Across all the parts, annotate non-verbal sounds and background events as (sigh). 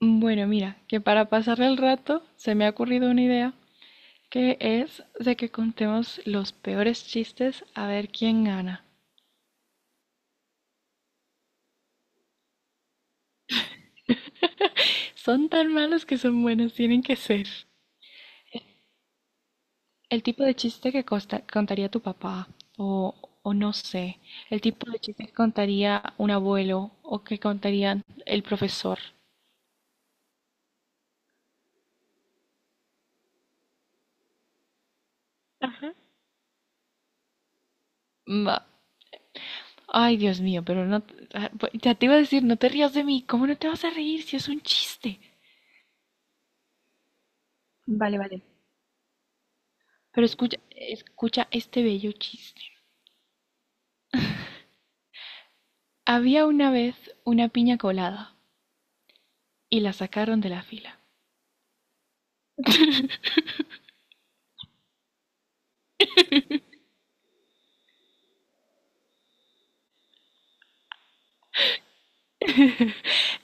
Bueno, mira, que para pasar el rato se me ha ocurrido una idea, que es de que contemos los peores chistes a ver quién gana. Son tan malos que son buenos, tienen que ser. El tipo de chiste que contaría tu papá, o, o no sé, el tipo de chiste que contaría un abuelo, o que contaría el profesor. Ajá. Ma- Ay, Dios mío, pero no... Ya te iba a decir, no te rías de mí, ¿cómo no te vas a reír si es un chiste? Vale, vale. Pero escucha, escucha este bello chiste. Había una vez una piña colada y la sacaron de la fila.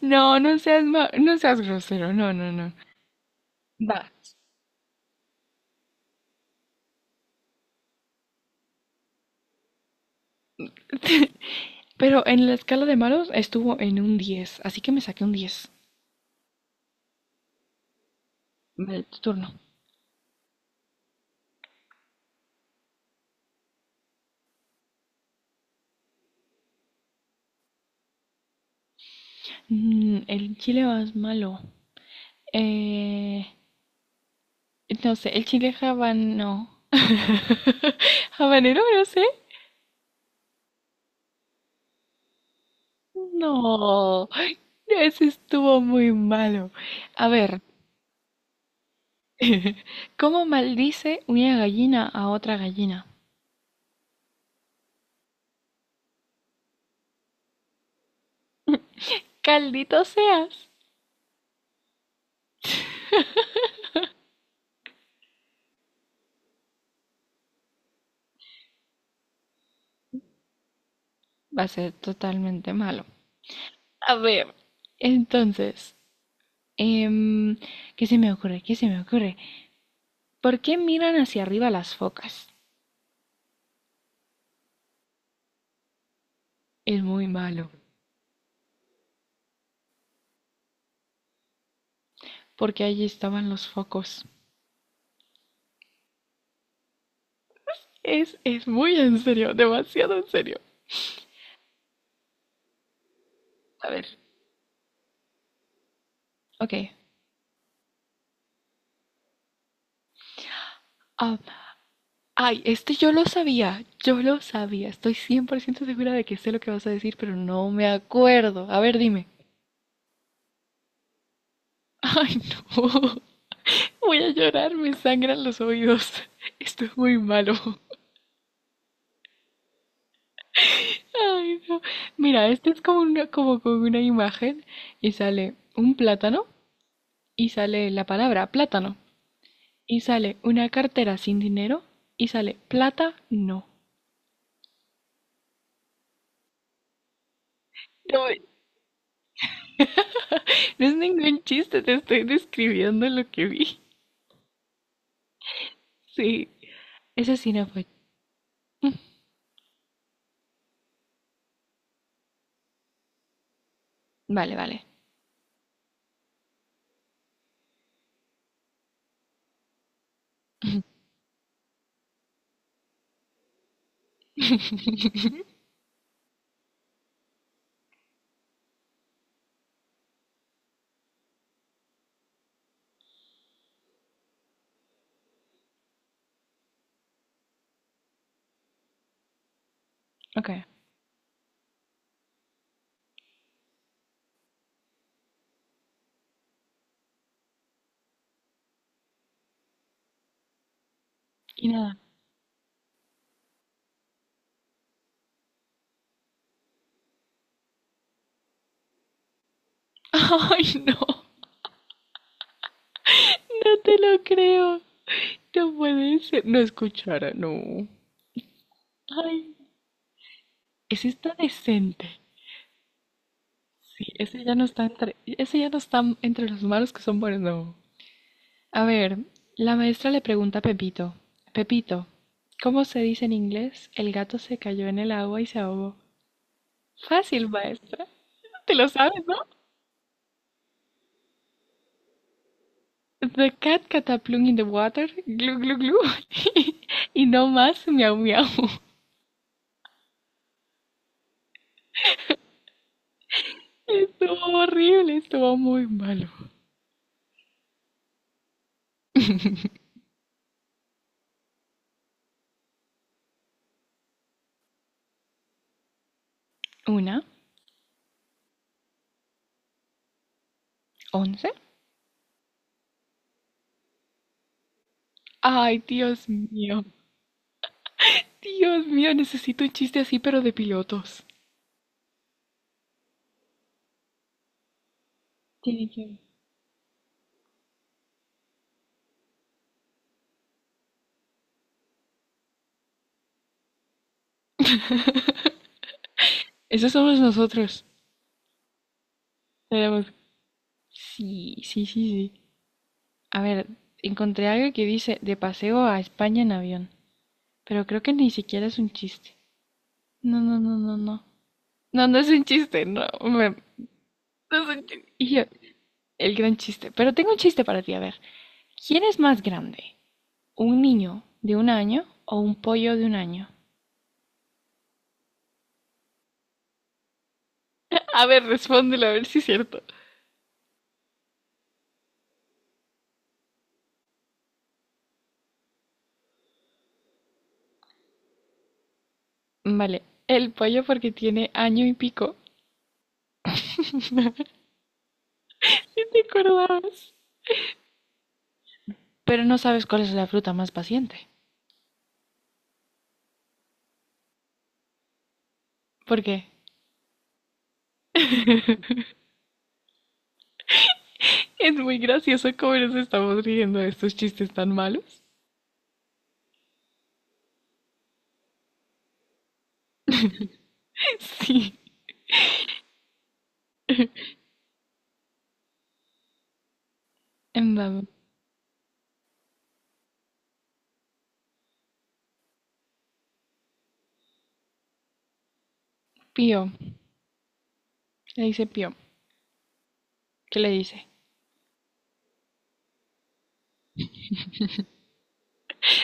No, no seas grosero, no, no, no. Va. Pero en la escala de malos estuvo en un 10, así que me saqué un 10. Vale, tu turno. Mm, el chile más malo. Eh, no sé, el chile habano. ¿Habanero? No sé. No, ese estuvo muy malo. A ver. (laughs) ¿Cómo maldice una gallina a otra gallina? ¡Caldito seas! Va a ser totalmente malo. A ver, entonces, em, ¿qué se me ocurre? ¿Qué se me ocurre? ¿Por qué miran hacia arriba las focas? Es muy malo, porque allí estaban los focos. Es muy en serio, demasiado en serio. A ver, ok. Ah, ay, este yo lo sabía, yo lo sabía. Estoy 100% segura de que sé lo que vas a decir, pero no me acuerdo. A ver, dime. (laughs) Ay, no. Voy a llorar, me sangran los oídos. Esto es muy malo. Ay, no. Mira, este es como una, como con una imagen y sale un plátano y sale la palabra plátano y sale una cartera sin dinero y sale plata no. No, no es ningún chiste, te estoy describiendo lo que vi. Sí, ese sí no fue. Mm, Vale, vale. Ok. Y nada. (laughs) Ay, no, no te lo creo. No puede ser. No es cuchara, no. Ay, ese está decente. Sí, ese ya no está entre los malos que son buenos, no. A ver, la maestra le pregunta a Pepito. Pepito, ¿cómo se dice en inglés? El gato se cayó en el agua y se ahogó. Fácil, maestra. Te lo sabes, ¿no? The cat cataplum in the water, glu glu glu. (laughs) Y no más, miau miau. Estuvo horrible, estuvo muy malo. Una, 11. Ay, Dios mío. Dios mío, necesito un chiste así, pero de pilotos. Tiene que... Esos somos nosotros. Tenemos... Sí, sí, sí, sí. A ver, encontré algo que dice de paseo a España en avión. Pero creo que ni siquiera es un chiste. No, no, no, no, no. No, no es un chiste, no. No es un chiste. Y yo, el gran chiste. Pero tengo un chiste para ti, a ver. ¿Quién es más grande? ¿Un niño de 1 año o un pollo de 1 año? A ver, respóndelo, a ver si es cierto. Vale, el pollo porque tiene año y pico. (laughs) ¿Sí te acordabas? Pero no sabes cuál es la fruta más paciente. ¿Por qué? Es muy gracioso cómo nos estamos riendo de estos chistes tan malos. (laughs) Sí. En dado. Pío. Le dice Pío. ¿Qué le dice?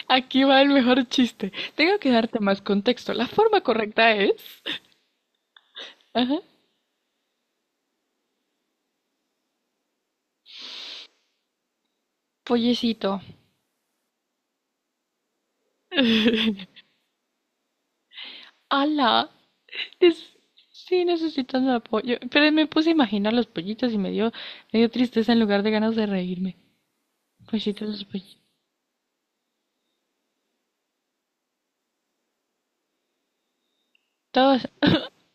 Aquí va el mejor chiste. Tengo que darte más contexto. La forma correcta es... Ajá. Pollecito. Ala. Es- Sí, necesitas apoyo. Pero me puse a imaginar los pollitos y me dio, tristeza en lugar de ganas de reírme. Pollitos, pollitos.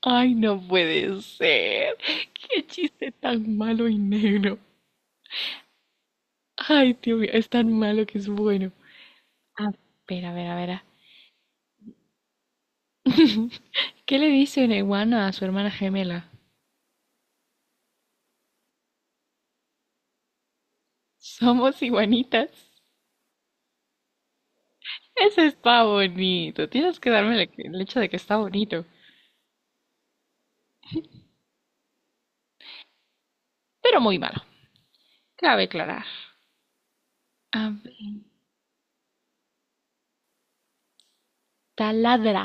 Ay, no puede ser. Qué chiste tan malo y negro. Ay, tío mío, es tan malo que es bueno. A ver, a ver, a ver. ¿Qué le dice una iguana a su hermana gemela? Somos iguanitas. Ese está bonito. Tienes que darme el hecho de que está bonito. Pero muy malo. Cabe aclarar. A ver. Taladra.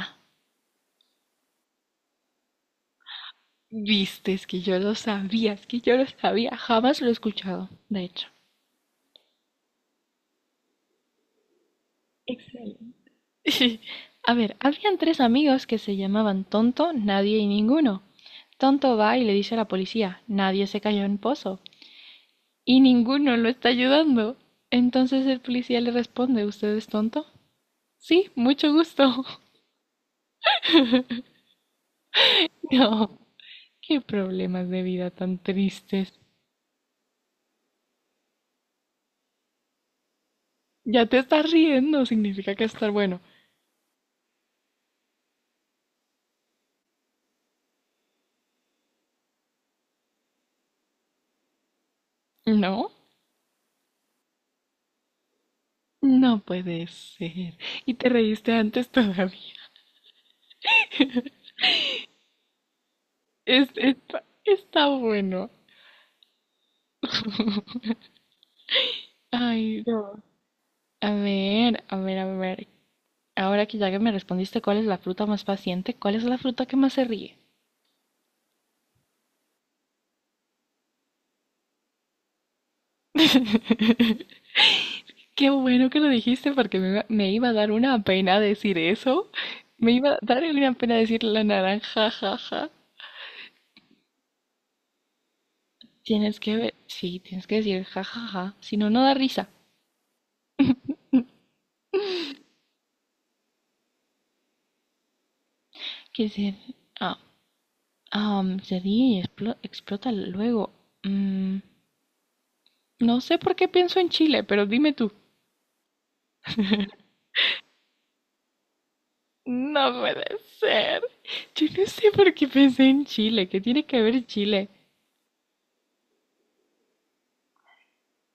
Viste, es que yo lo sabía, es que yo lo sabía. Jamás lo he escuchado, de hecho. Excelente. (laughs) A ver, habían tres amigos que se llamaban Tonto, Nadie y Ninguno. Tonto va y le dice a la policía, Nadie se cayó en pozo y ninguno lo está ayudando. Entonces el policía le responde, ¿usted es tonto? Sí, mucho gusto. (laughs) No, qué problemas de vida tan tristes. Ya te estás riendo, significa que estar bueno. No, no puede ser. Y te reíste antes todavía. Está bueno. Ay, no. A ver, a ver, a ver. Ahora que ya que me respondiste cuál es la fruta más paciente, ¿cuál es la fruta que más se ríe? Qué bueno que lo dijiste porque me iba a dar una pena decir eso. Me iba a dar una pena decir la naranja, jaja. Tienes que ver, sí, tienes que decir jajaja, si no, no da risa. Que se, ah, ah, se ríe y explota luego. Mm, no sé por qué pienso en Chile, pero dime tú. No puede ser. Yo no sé por qué pensé en Chile. ¿Qué tiene que ver Chile?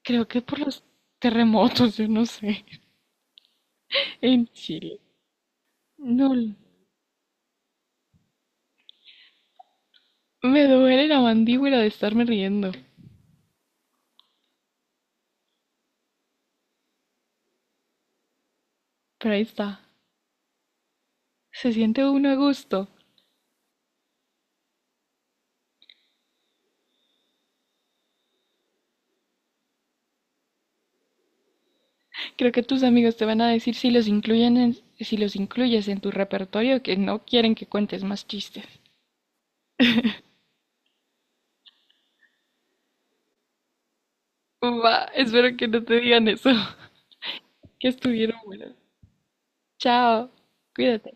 Creo que por los terremotos, yo no sé. En Chile. No, me duele la mandíbula de estarme riendo. Pero ahí está. Se siente uno a gusto. Creo que tus amigos te van a decir si si los incluyes en tu repertorio que no quieren que cuentes más chistes. Va, espero que no te digan eso. (laughs) Que estuvieron buenos. Chao. Cuídate.